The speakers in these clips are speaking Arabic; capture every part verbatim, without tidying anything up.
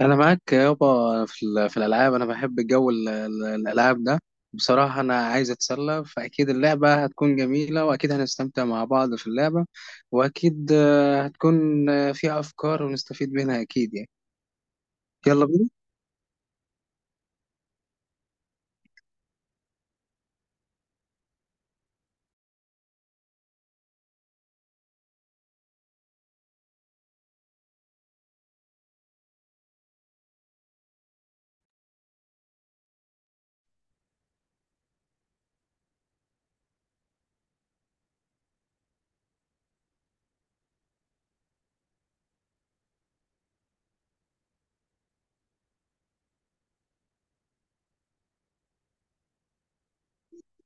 انا معاك يابا في ال- في الالعاب، انا بحب جو ال- ال- الالعاب ده. بصراحه انا عايز اتسلى، فاكيد اللعبه هتكون جميله واكيد هنستمتع مع بعض في اللعبه. واكيد آه، هتكون آه، فيها افكار ونستفيد منها اكيد يعني يلا بينا.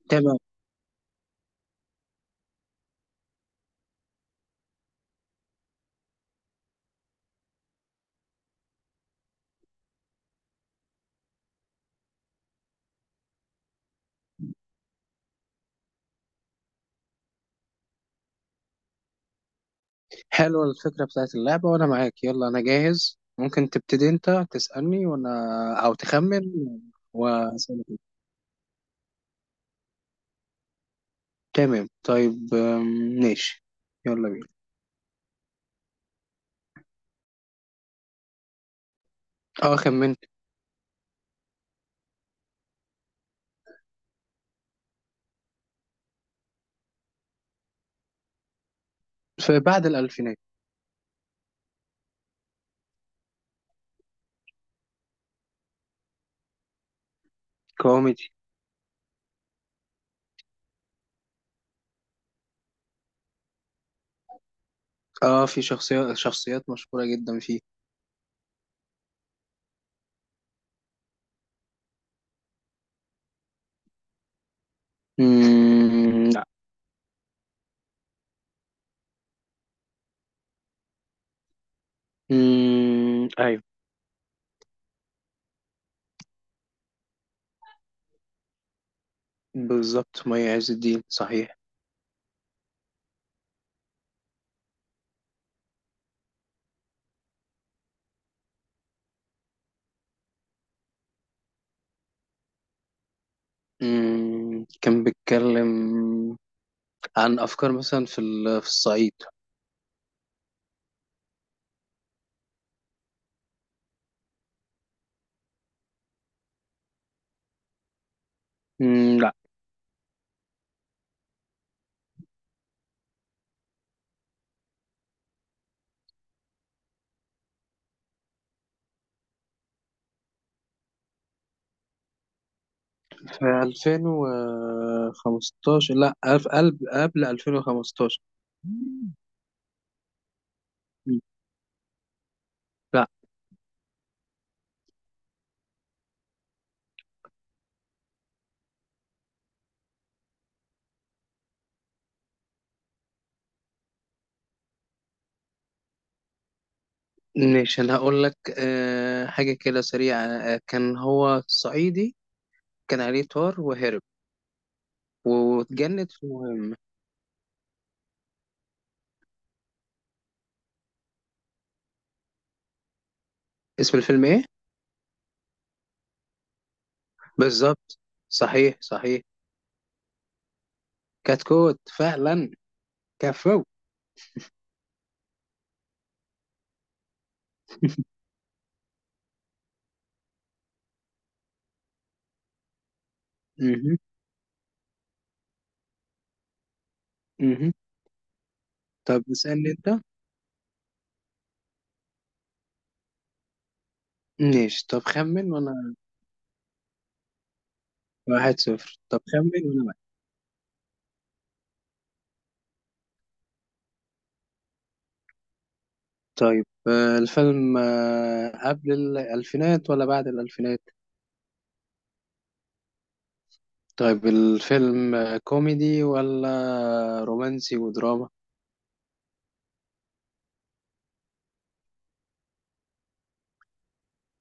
تمام، حلوه الفكره بتاعت اللعبه وانا معاك، يلا انا جاهز، ممكن تبتدي انت تسالني وانا، او تخمن واسالك. تمام طيب، آم، ماشي، يلا بينا. اه خمنت. في بعد الالفينات. كوميدي. اه، في شخصيات شخصيات مشهورة جدا فيه. مم... لا. مم... ايوه. بالظبط، مي عز الدين، صحيح. مم... كان بيتكلم عن افكار مثلا في ال... في الصعيد. مم... لا. في ألفين وخمستاشر، لا ألف... قبل قبل ألفين وخمستاشر. مم. لا. مش انا هقول لك آه... حاجة كده سريعة، آه... كان هو صعيدي، كان عليه طار وهرب واتجند في مهمة. اسم الفيلم ايه؟ بالظبط، صحيح صحيح. كتكوت فعلا. كفو. مهم. مهم. طب اسألني انت. ماشي، طب خمن وانا. واحد صفر، طب خمن وانا واحد. طيب آه، الفيلم آه، قبل الألفينات ولا بعد الألفينات؟ طيب الفيلم آه، كوميدي ولا رومانسي ودراما؟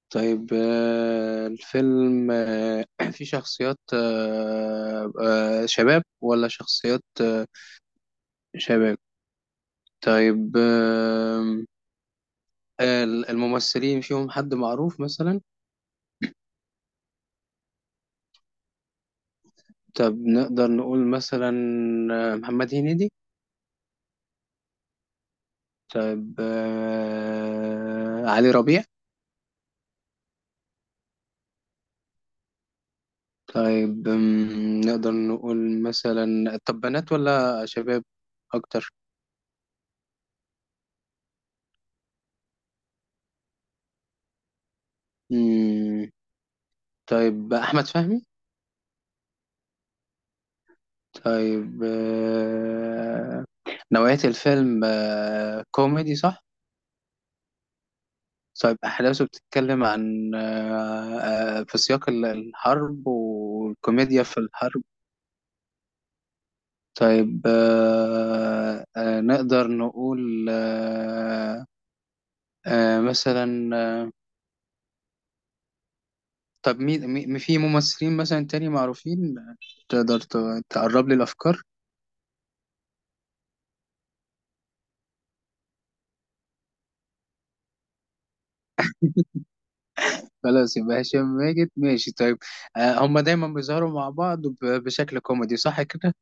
طيب آه، الفيلم آه، فيه شخصيات، آه، آه، شباب ولا شخصيات آه، شباب؟ طيب، ال- الممثلين فيهم حد معروف مثلا؟ طب نقدر نقول مثلا آه، محمد هنيدي؟ طيب آه، علي ربيع؟ طيب، مم، نقدر نقول مثلا طب بنات ولا شباب؟ أكتر. مم، طيب أحمد فهمي؟ طيب آه، نوعية الفيلم آه، كوميدي صح؟ طيب، أحداثه بتتكلم عن آه، آه، في سياق ال- الحرب والكوميديا في الحرب. طيب آه آه نقدر نقول آه آه مثلا آه، طب مين مين- في ممثلين مثلا تاني معروفين تقدر ت- تقرب لي الأفكار؟ خلاص، يبقى هشام ماجد، ماشي. طيب، آه هما دايما بيظهروا مع بعض ب- بشكل كوميدي صح كده؟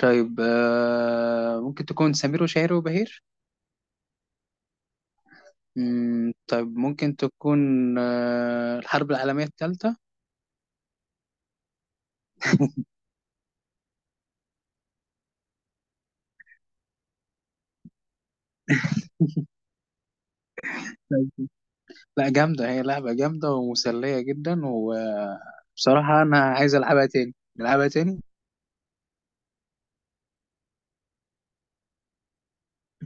طيب آه ممكن تكون سمير وشهير وبهير؟ مم، طيب ممكن تكون آه الحرب العالمية الثالثة. لا جامدة، هي لعبة جامدة ومسلية جدا، وبصراحة أنا عايز ألعبها تاني، نلعبها تاني.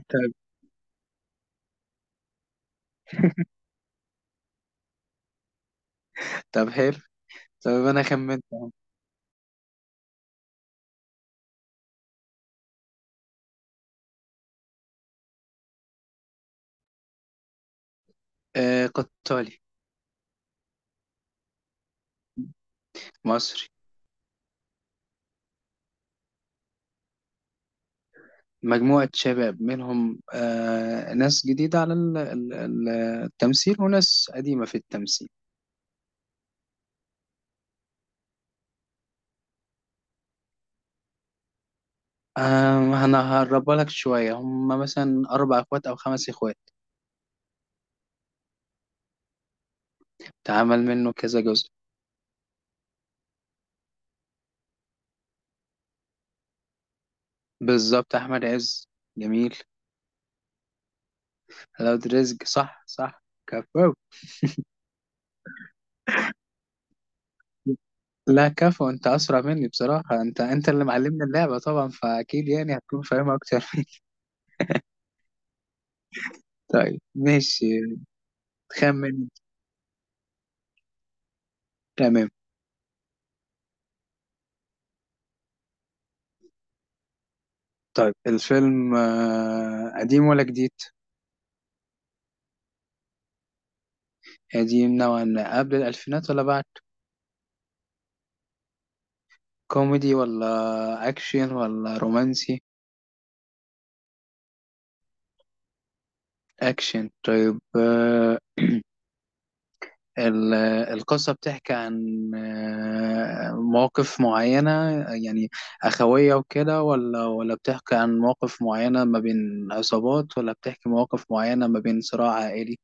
طب. طب حلو. طب أنا خمنت أهو. آه قطالي. مصري. مجموعة شباب، منهم آه ناس جديدة على ال- ال- ال- التمثيل وناس قديمة في التمثيل. آه أنا هقربها لك شوية، هم مثلا أربع إخوات أو خمس إخوات. اتعمل منه كذا جزء. بالظبط، أحمد عز. جميل. لو رزق، صح صح، كفو. لا كفو، انت اسرع مني بصراحة، انت انت اللي معلمني اللعبة طبعا، فاكيد يعني هتكون فاهمها اكتر مني. طيب ماشي. خمن. تمام. طيب الفيلم آه، قديم ولا جديد؟ قديم نوعا ما، قبل الالفينات ولا بعد؟ كوميدي ولا اكشن ولا رومانسي؟ اكشن. طيب آه، ال- القصة بتحكي عن آه، مواقف معينة، يعني أخوية وكده، ولا ولا بتحكي عن مواقف معينة ما بين عصابات، ولا بتحكي مواقف معينة ما بين صراع عائلي؟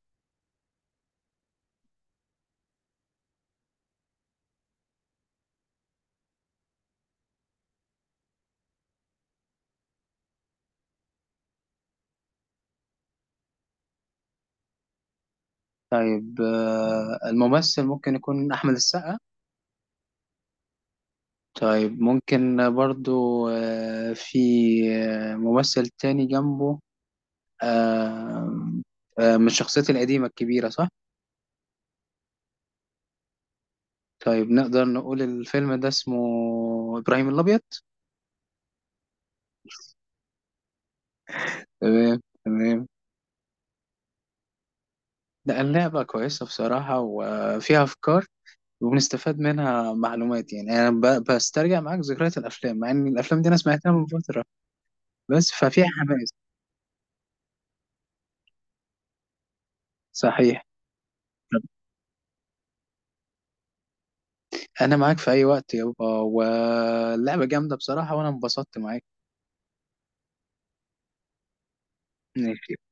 طيب آه، الممثل ممكن يكون أحمد السقا؟ طيب ممكن برضو آه، في آه، ممثل تاني جنبه آه، آه، من الشخصيات القديمة الكبيرة صح؟ طيب نقدر نقول الفيلم ده اسمه إبراهيم الأبيض. تمام تمام. لا اللعبة كويسة بصراحة وفيها أفكار، وبنستفاد منها معلومات يعني، أنا ب- بسترجع معاك ذكريات الأفلام، مع إن الأفلام دي أنا سمعتها من فترة. بس ففيها حماس. صحيح. أنا معاك في أي وقت يابا، واللعبة جامدة بصراحة وأنا انبسطت. معاك.